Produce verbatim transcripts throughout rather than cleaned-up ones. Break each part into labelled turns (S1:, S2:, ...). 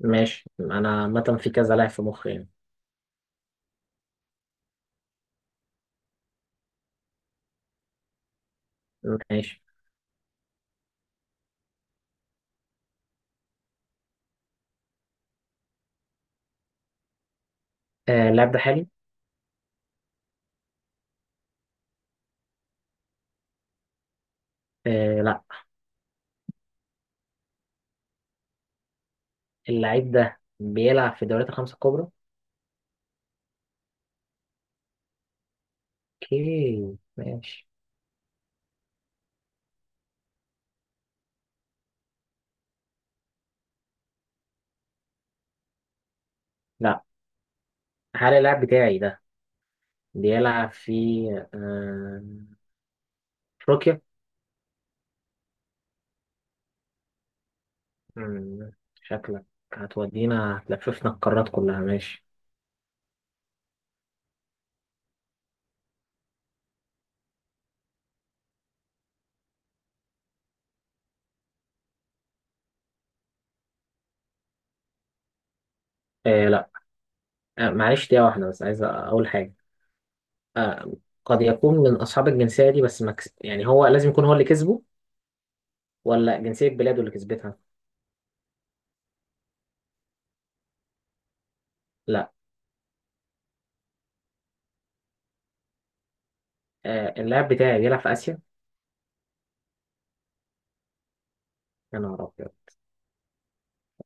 S1: ماشي، انا عامه في كذا لاعب في مخي يعني. ماشي. آه اللاعب ده حالي. آه لا. اللاعب ده بيلعب في الدوريات الخمسة الكبرى. اوكي ماشي. لا. هل اللاعب بتاعي ده بيلعب في آه، افريقيا؟ مم، شكلك هتودينا، هتلففنا القارات كلها ماشي. آه لا. آه معلش دقيقة واحدة، بس عايز اقول حاجة. آه قد يكون من اصحاب الجنسية دي بس مكس... يعني هو لازم يكون هو اللي كسبه، ولا جنسية بلاده اللي كسبتها. لا. آه، اللاعب بتاعي بيلعب في آسيا. يا نهار أبيض.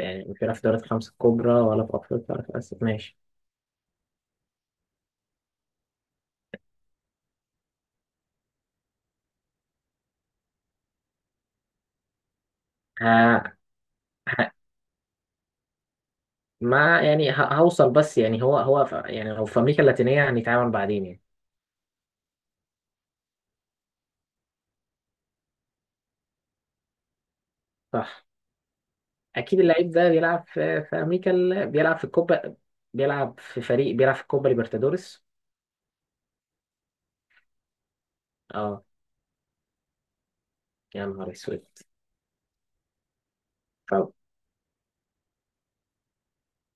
S1: يعني مش بيلعب في دوري الخمسة الكبرى، ولا في أفريقيا، ولا في آسيا ماشي. ها. ها. ما يعني ه- هوصل، بس يعني هو هو في، يعني لو في أمريكا اللاتينية هنتعامل بعدين يعني. صح. أكيد اللعيب ده بيلعب في في أمريكا ال... بيلعب في الكوبا. بيلعب في فريق بيلعب في الكوبا ليبرتادوريس. أه. يا نهار أسود. طب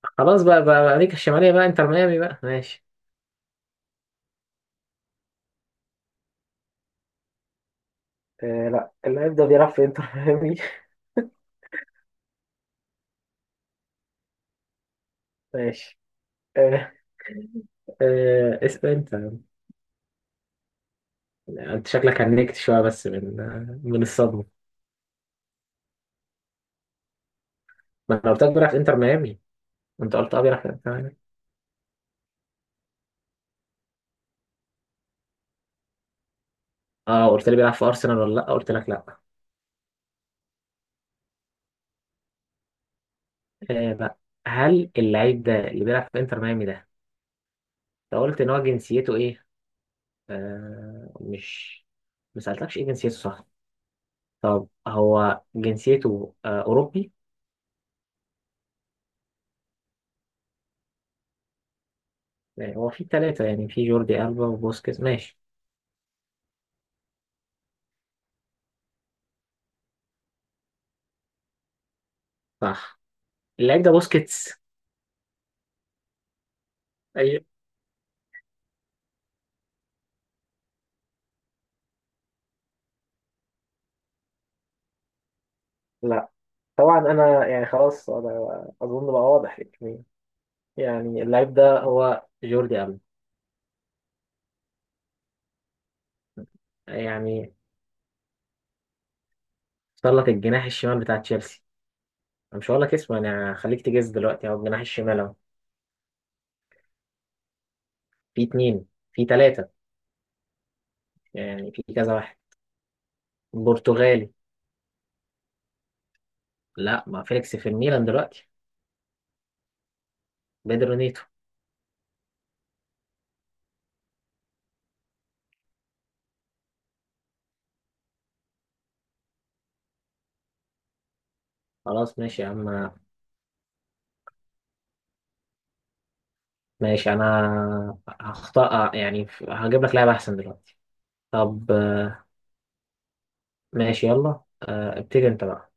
S1: خلاص بقى, بقى, بقى أمريكا الشمالية بقى، إنتر ميامي بقى ماشي. آه لا، اللاعب ده بيلعب في إنتر ميامي. ماشي. آه آه اسأل أنت. انت شكلك هنكت شويه بس من من الصدمه. ما انا قلت لك بيلعب في انتر ميامي. انت قلت اه بيلعب في انتر ميامي. اه، قلت لي بيلعب في ارسنال ولا لا؟ قلت لك لا. آه بقى، هل اللعيب ده اللي بيلعب في انتر ميامي ده انت قلت ان هو جنسيته ايه؟ آه مش ما سالتكش ايه جنسيته، صح. طب هو جنسيته آه اوروبي. يعني هو في ثلاثه، يعني في جوردي البا وبوسكيتس ماشي. صح. اللعيب ده بوسكيتس. ايوه. لا. طبعا انا يعني خلاص، انا اظن بقى واضح، يعني اللعيب ده هو جوردي ألبا. يعني اختار لك الجناح الشمال بتاع تشيلسي. أنا مش هقول لك اسمه، انا هخليك تجز دلوقتي. هو الجناح الشمال اهو. في اتنين، في تلاتة، يعني في كذا واحد. برتغالي. لا، ما فيليكس في الميلان دلوقتي. بيدرو نيتو. خلاص ماشي يا عم. ماشي، انا هخطأ يعني هجيب لك لاعب احسن دلوقتي. طب آه، ماشي يلا، آه، ابتدي انت بقى.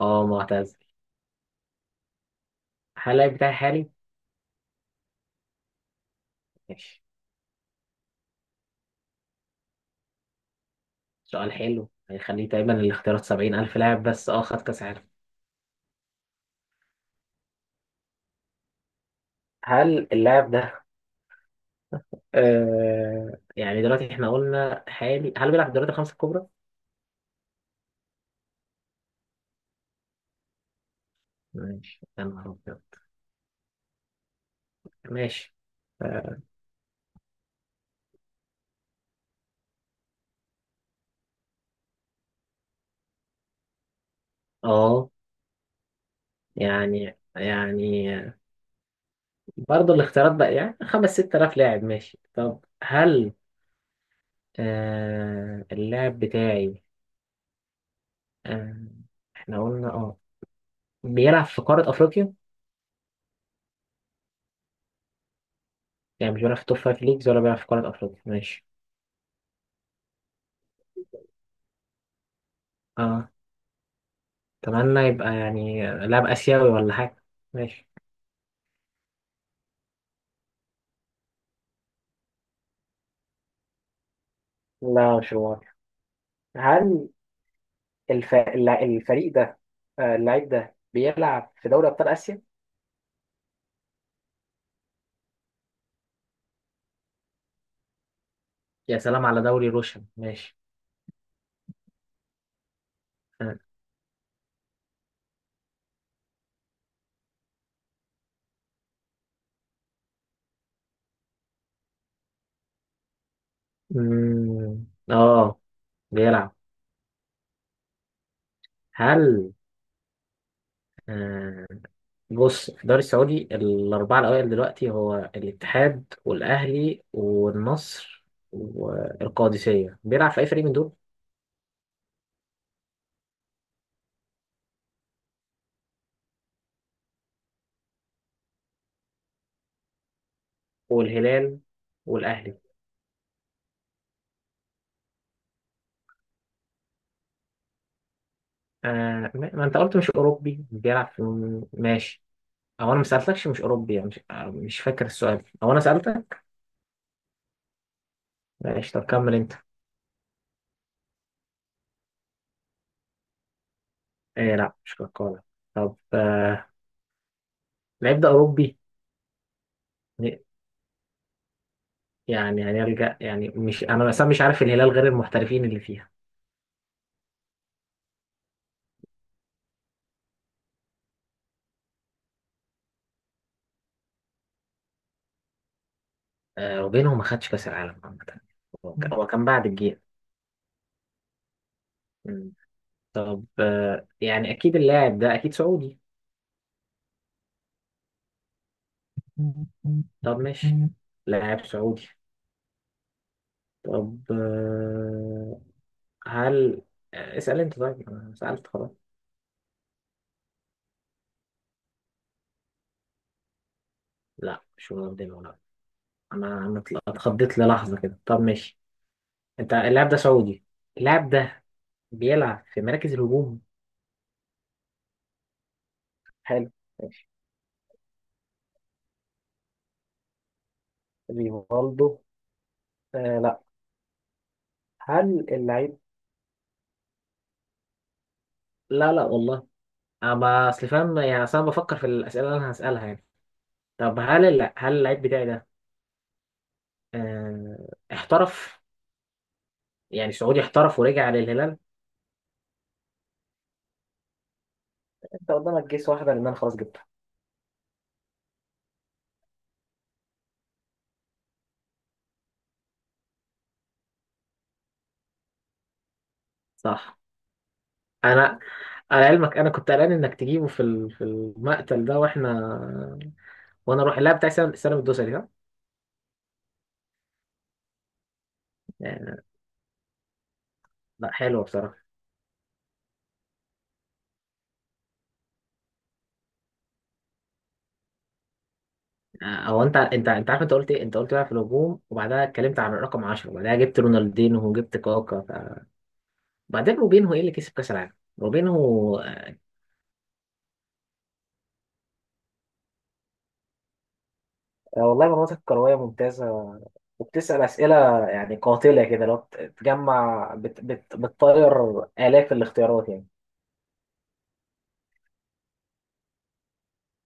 S1: اه، معتزل. هل اللعيب بتاعي حالي؟ ماشي. سؤال حلو هيخليه دايما الاختيارات سبعين ألف لاعب بس. اه، خد كأس عالم. هل اللاعب ده آه يعني دلوقتي احنا قلنا حالي، هل بيلعب في الدوريات الخمسة الكبرى؟ ماشي، يا نهار أبيض. ماشي. اه آه، يعني يعني برضه الاختيارات بقى يعني خمس ست آلاف لاعب ماشي. طب هل آه اللاعب بتاعي آه احنا قلنا اه بيلعب في قارة أفريقيا؟ يعني مش بيلعب في توب فايف ليجز، ولا بيلعب في قارة أفريقيا ماشي. اه، اتمنى يبقى يعني لاعب اسيوي ولا حاجه ماشي. لا، مش هو. هل الف... الل- الفريق ده آه، اللعيب ده بيلعب في دوري ابطال اسيا؟ يا سلام على دوري روشن ماشي. اه. أمم، آه، بيلعب. هل آه بص، في الدوري السعودي الاربعه الاوائل دلوقتي هو الاتحاد والاهلي والنصر والقادسيه. بيلعب في اي فريق من دول؟ والهلال؟ والاهلي؟ آه ما ما انت قلت مش اوروبي بيلعب في. ماشي. او انا ما سالتكش مش اوروبي، يعني مش, آه، مش فاكر السؤال او انا سالتك. ماشي، طب كمل انت. آه لا، مش كوكولا. طب آه لعيب ده اوروبي. يعني هنرجع، يعني مش انا مثلا مش عارف الهلال غير المحترفين اللي فيها. آه وبينهم ما خدش كاس العالم عامه. هو ك- هو كان بعد الجيل. مم. طب آه يعني اكيد اللاعب ده اكيد سعودي. طب ماشي، لاعب سعودي. طب آه هل اسأل انت طيب، انا سألت خلاص. لا، مش مقدمة ولا. انا انا اتل- اتخضيت للحظة كده. طب ماشي، انت اللاعب ده سعودي، اللاعب ده بيلعب في مراكز الهجوم. حلو ماشي. ريفالدو؟ آه لا. هل اللعيب لا لا والله. انا ما- اصل فاهم، يعني اصل انا بفكر في الاسئلة اللي انا هسألها يعني. طب هل الل- هل اللعيب بتاعي ده آه احترف، يعني سعودي احترف ورجع للهلال. انت قدامك جيس واحدة لان انا خلاص جبتها. صح. انا على علمك انا كنت قلقان انك تجيبه في ال- في المقتل ده، واحنا وانا اروح اللاعب بتاع سلام سلام الدوسري ده. يعني لا، حلو بصراحه. او انت انت انت عارف انت قلت ايه، انت قلت بقى في الهجوم وبعدها اتكلمت عن الرقم عشرة وبعدها جبت رونالدينو وجبت كاكا ف... بعدين روبينهو ايه اللي كسب كاس العالم؟ روبينهو. آه، والله مناطق كرويه ممتازه، وبتسأل أسئلة يعني قاتلة كده، لو بت- بتجمع بت بت بتطير آلاف الاختيارات يعني.